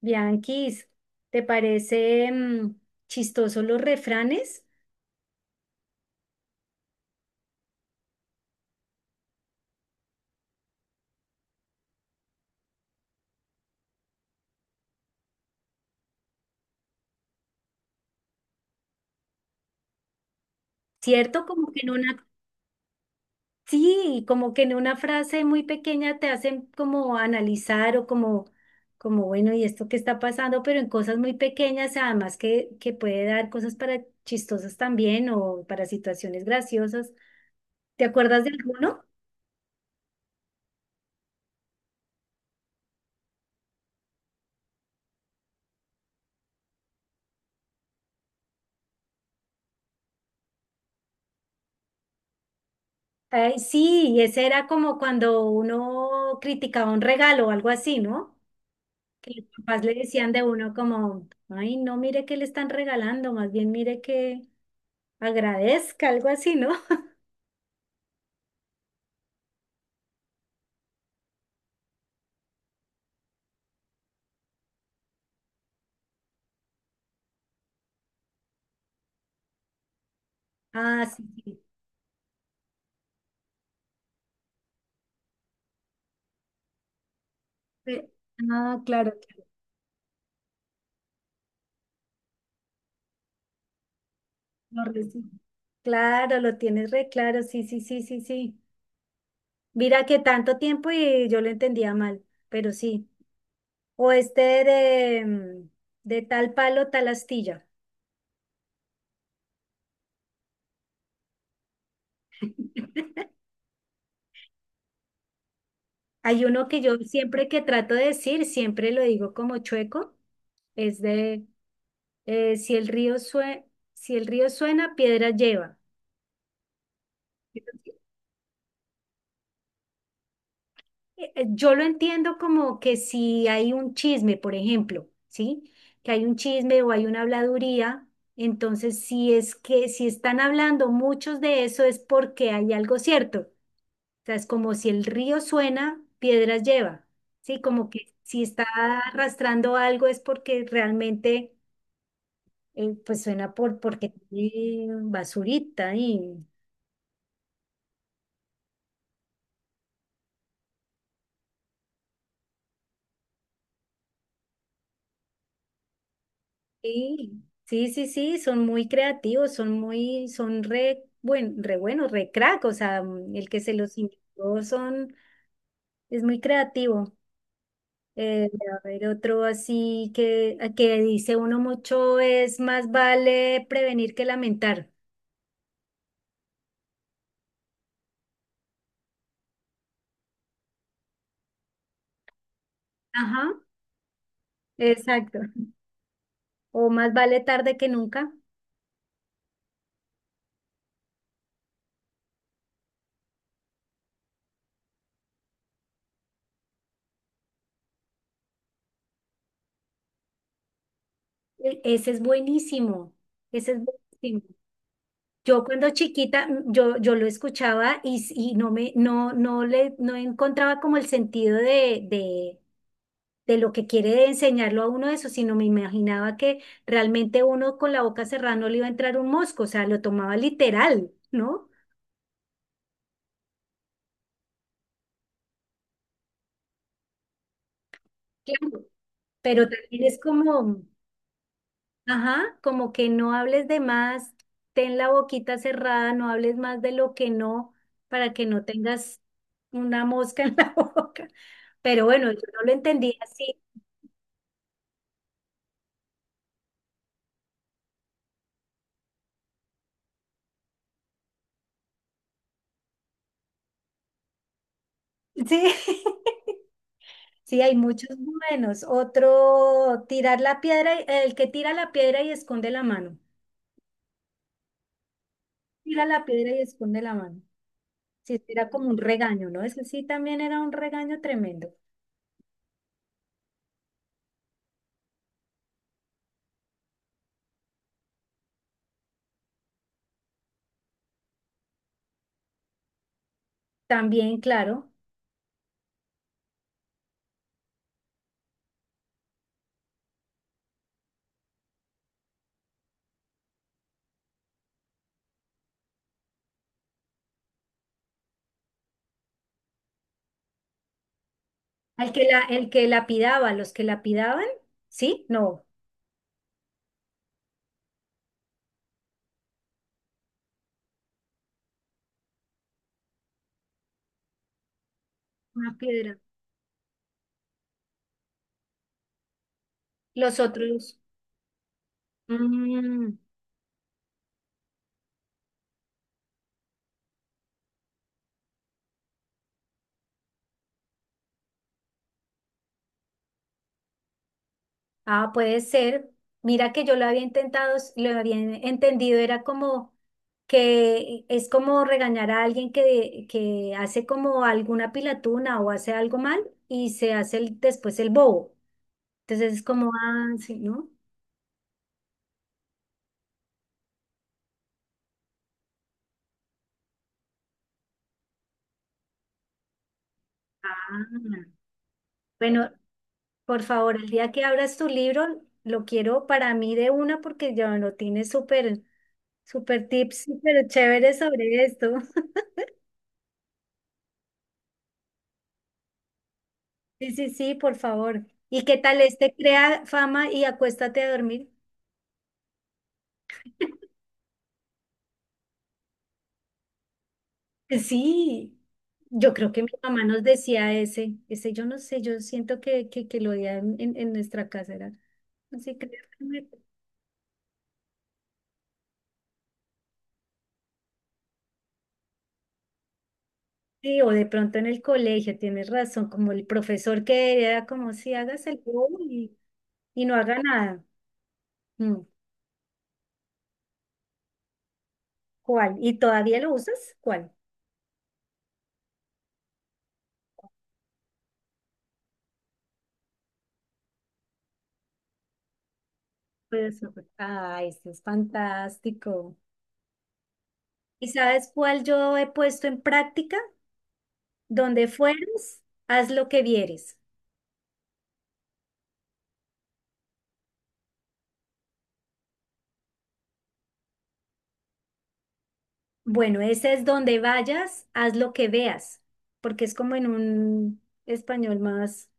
Bianquis, ¿te parece chistoso los refranes? ¿Cierto? Como que en una, sí, como que en una frase muy pequeña te hacen como analizar o como, como bueno, ¿y esto qué está pasando? Pero en cosas muy pequeñas, además que puede dar cosas para chistosas también o para situaciones graciosas. ¿Te acuerdas de alguno? Ay, sí, y ese era como cuando uno criticaba un regalo o algo así, ¿no? Que los papás le decían de uno como, ay, no mire que le están regalando, más bien mire que agradezca, algo así, ¿no? Ah, sí, sí. Re- Ah, claro, claro, lo recibo. Claro, lo tienes re claro, sí, sí, sí, sí, sí. Mira que tanto tiempo y yo lo entendía mal, pero sí. O este de, de tal palo, tal astilla. Hay uno que yo siempre que trato de decir, siempre lo digo como chueco, es de eh, si el río sue- si el río suena, piedras lleva. Entonces, Yo lo entiendo como que si hay un chisme, por ejemplo, ¿sí? Que hay un chisme o hay una habladuría, entonces si es que si están hablando muchos de eso es porque hay algo cierto. Sea, es como si el río suena, piedras lleva, ¿sí? Como que si está arrastrando algo es porque realmente, pues suena porque tiene basurita y, sí, sí, sí, sí, son muy creativos, son muy, son re, buen, re buenos, re crack, o sea, el que se los inventó son, es muy creativo. A ver, otro así que dice uno mucho es más vale prevenir que lamentar. Ajá, exacto. O más vale tarde que nunca. Ese es buenísimo, ese es buenísimo. Yo cuando chiquita, yo lo escuchaba y, y no me, no, no le, no encontraba como el sentido de lo que quiere enseñarlo a uno eso, sino me imaginaba que realmente uno con la boca cerrada no le iba a entrar un mosco, o sea, lo tomaba literal, ¿no? Claro, pero también es como, ajá, como que no hables de más, ten la boquita cerrada, no hables más de lo que no, para que no tengas una mosca en la boca. Pero bueno, yo no lo entendí así. Sí, sí, hay muchos buenos. Otro, tirar la piedra, el que tira la piedra y esconde la mano. Tira la piedra y esconde la mano. Sí, sí, era como un regaño, ¿no? Ese sí también era un regaño tremendo. También, claro, al que la, el que lapidaba, los que lapidaban, ¿sí? No. Una piedra. Los otros. mm, ah, puede ser. Mira que yo lo había intentado, lo había entendido, era como que es como regañar a alguien que hace como alguna pilatuna o hace algo mal y se hace después el bobo. Entonces es como, ah, sí, ¿no? Ah, bueno, por favor, el día que abras tu libro, lo quiero para mí de una porque ya lo tienes súper, súper tips, súper chévere sobre esto. Sí, sí, sí, por favor. ¿Y qué tal este crea fama y acuéstate a dormir? Sí, yo creo que mi mamá nos decía ese, ese yo no sé, yo siento que lo oía en, en nuestra casa, era así, creo que sí, o de pronto en el colegio, tienes razón, como el profesor que era como si hagas el bobo y no haga nada. Mm, ¿Cuál? ¿Y todavía lo usas? ¿Cuál? Pues, ay, esto es fantástico. ¿Y sabes cuál yo he puesto en práctica? Donde fueres, haz lo que vieres. Bueno, ese es donde vayas, haz lo que veas, porque es como en un español más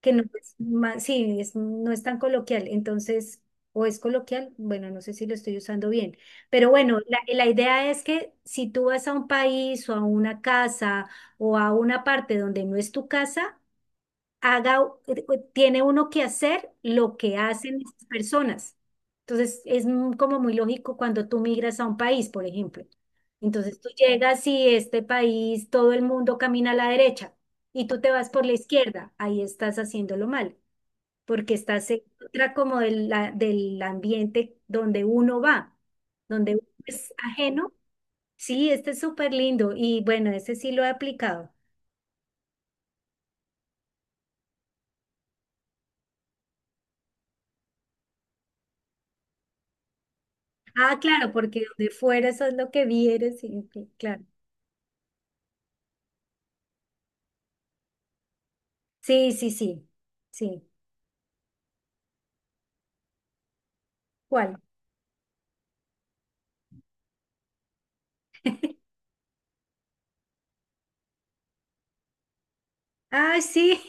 que no es más, sí, no es tan coloquial, entonces, o es coloquial, bueno, no sé si lo estoy usando bien, pero bueno, la idea es que si tú vas a un país o a una casa o a una parte donde no es tu casa, haga, tiene uno que hacer lo que hacen esas personas. Entonces, es como muy lógico cuando tú migras a un país, por ejemplo. Entonces, tú llegas y este país, todo el mundo camina a la derecha y tú te vas por la izquierda, ahí estás haciéndolo mal, porque estás en contra como del, del ambiente donde uno va, donde uno es ajeno. Sí, este es súper lindo y bueno, ese sí lo he aplicado. Ah, claro, porque donde fueras es lo que vieres, y claro. Sí, sí, sí, sí. ¿Cuál? Ah, sí.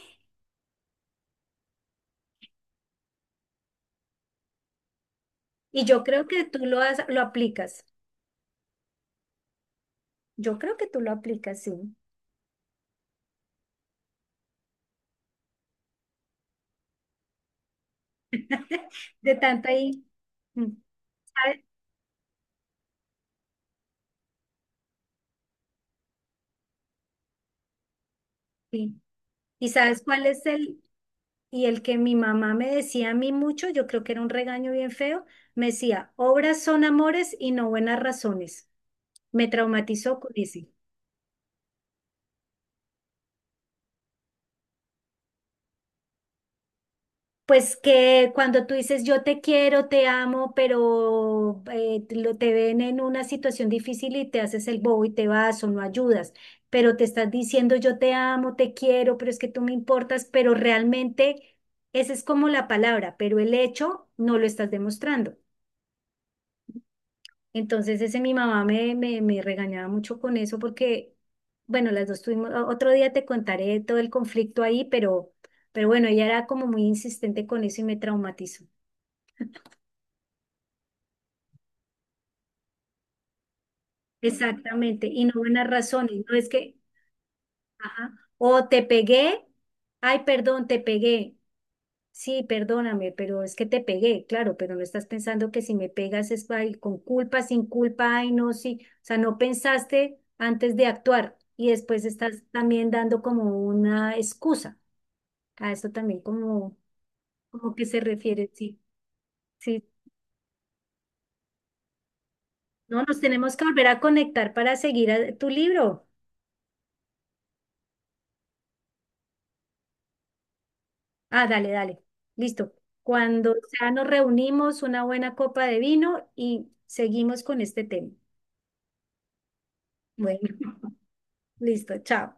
Y yo creo que tú lo aplicas. Yo creo que tú lo aplicas, sí. De tanto ahí. mm, ¿Sabes? Sí. ¿Y sabes cuál es el? Y el que mi mamá me decía a mí mucho, yo creo que era un regaño bien feo, me decía, obras son amores y no buenas razones. Me traumatizó con ese. Pues que cuando tú dices yo te quiero, te amo, pero te ven en una situación difícil y te haces el bobo y te vas o no ayudas, pero te estás diciendo yo te amo, te quiero, pero es que tú me importas, pero realmente esa es como la palabra, pero el hecho no lo estás demostrando. Entonces ese mi mamá me regañaba mucho con eso porque, bueno, las dos tuvimos, otro día te contaré todo el conflicto ahí, pero bueno, ella era como muy insistente con eso y me traumatizó. Exactamente, y no buenas razones, no es que. Ajá, o te pegué, ay, perdón, te pegué, sí, perdóname, pero es que te pegué, claro, pero no estás pensando que si me pegas es ay, con culpa, sin culpa, ay, no, sí, o sea, no pensaste antes de actuar y después estás también dando como una excusa, a eso también como, como que se refiere, sí, sí, no, nos tenemos que volver a conectar para seguir tu libro. Ah, dale, dale. Listo. Cuando ya nos reunimos, una buena copa de vino y seguimos con este tema. Bueno, listo, chao.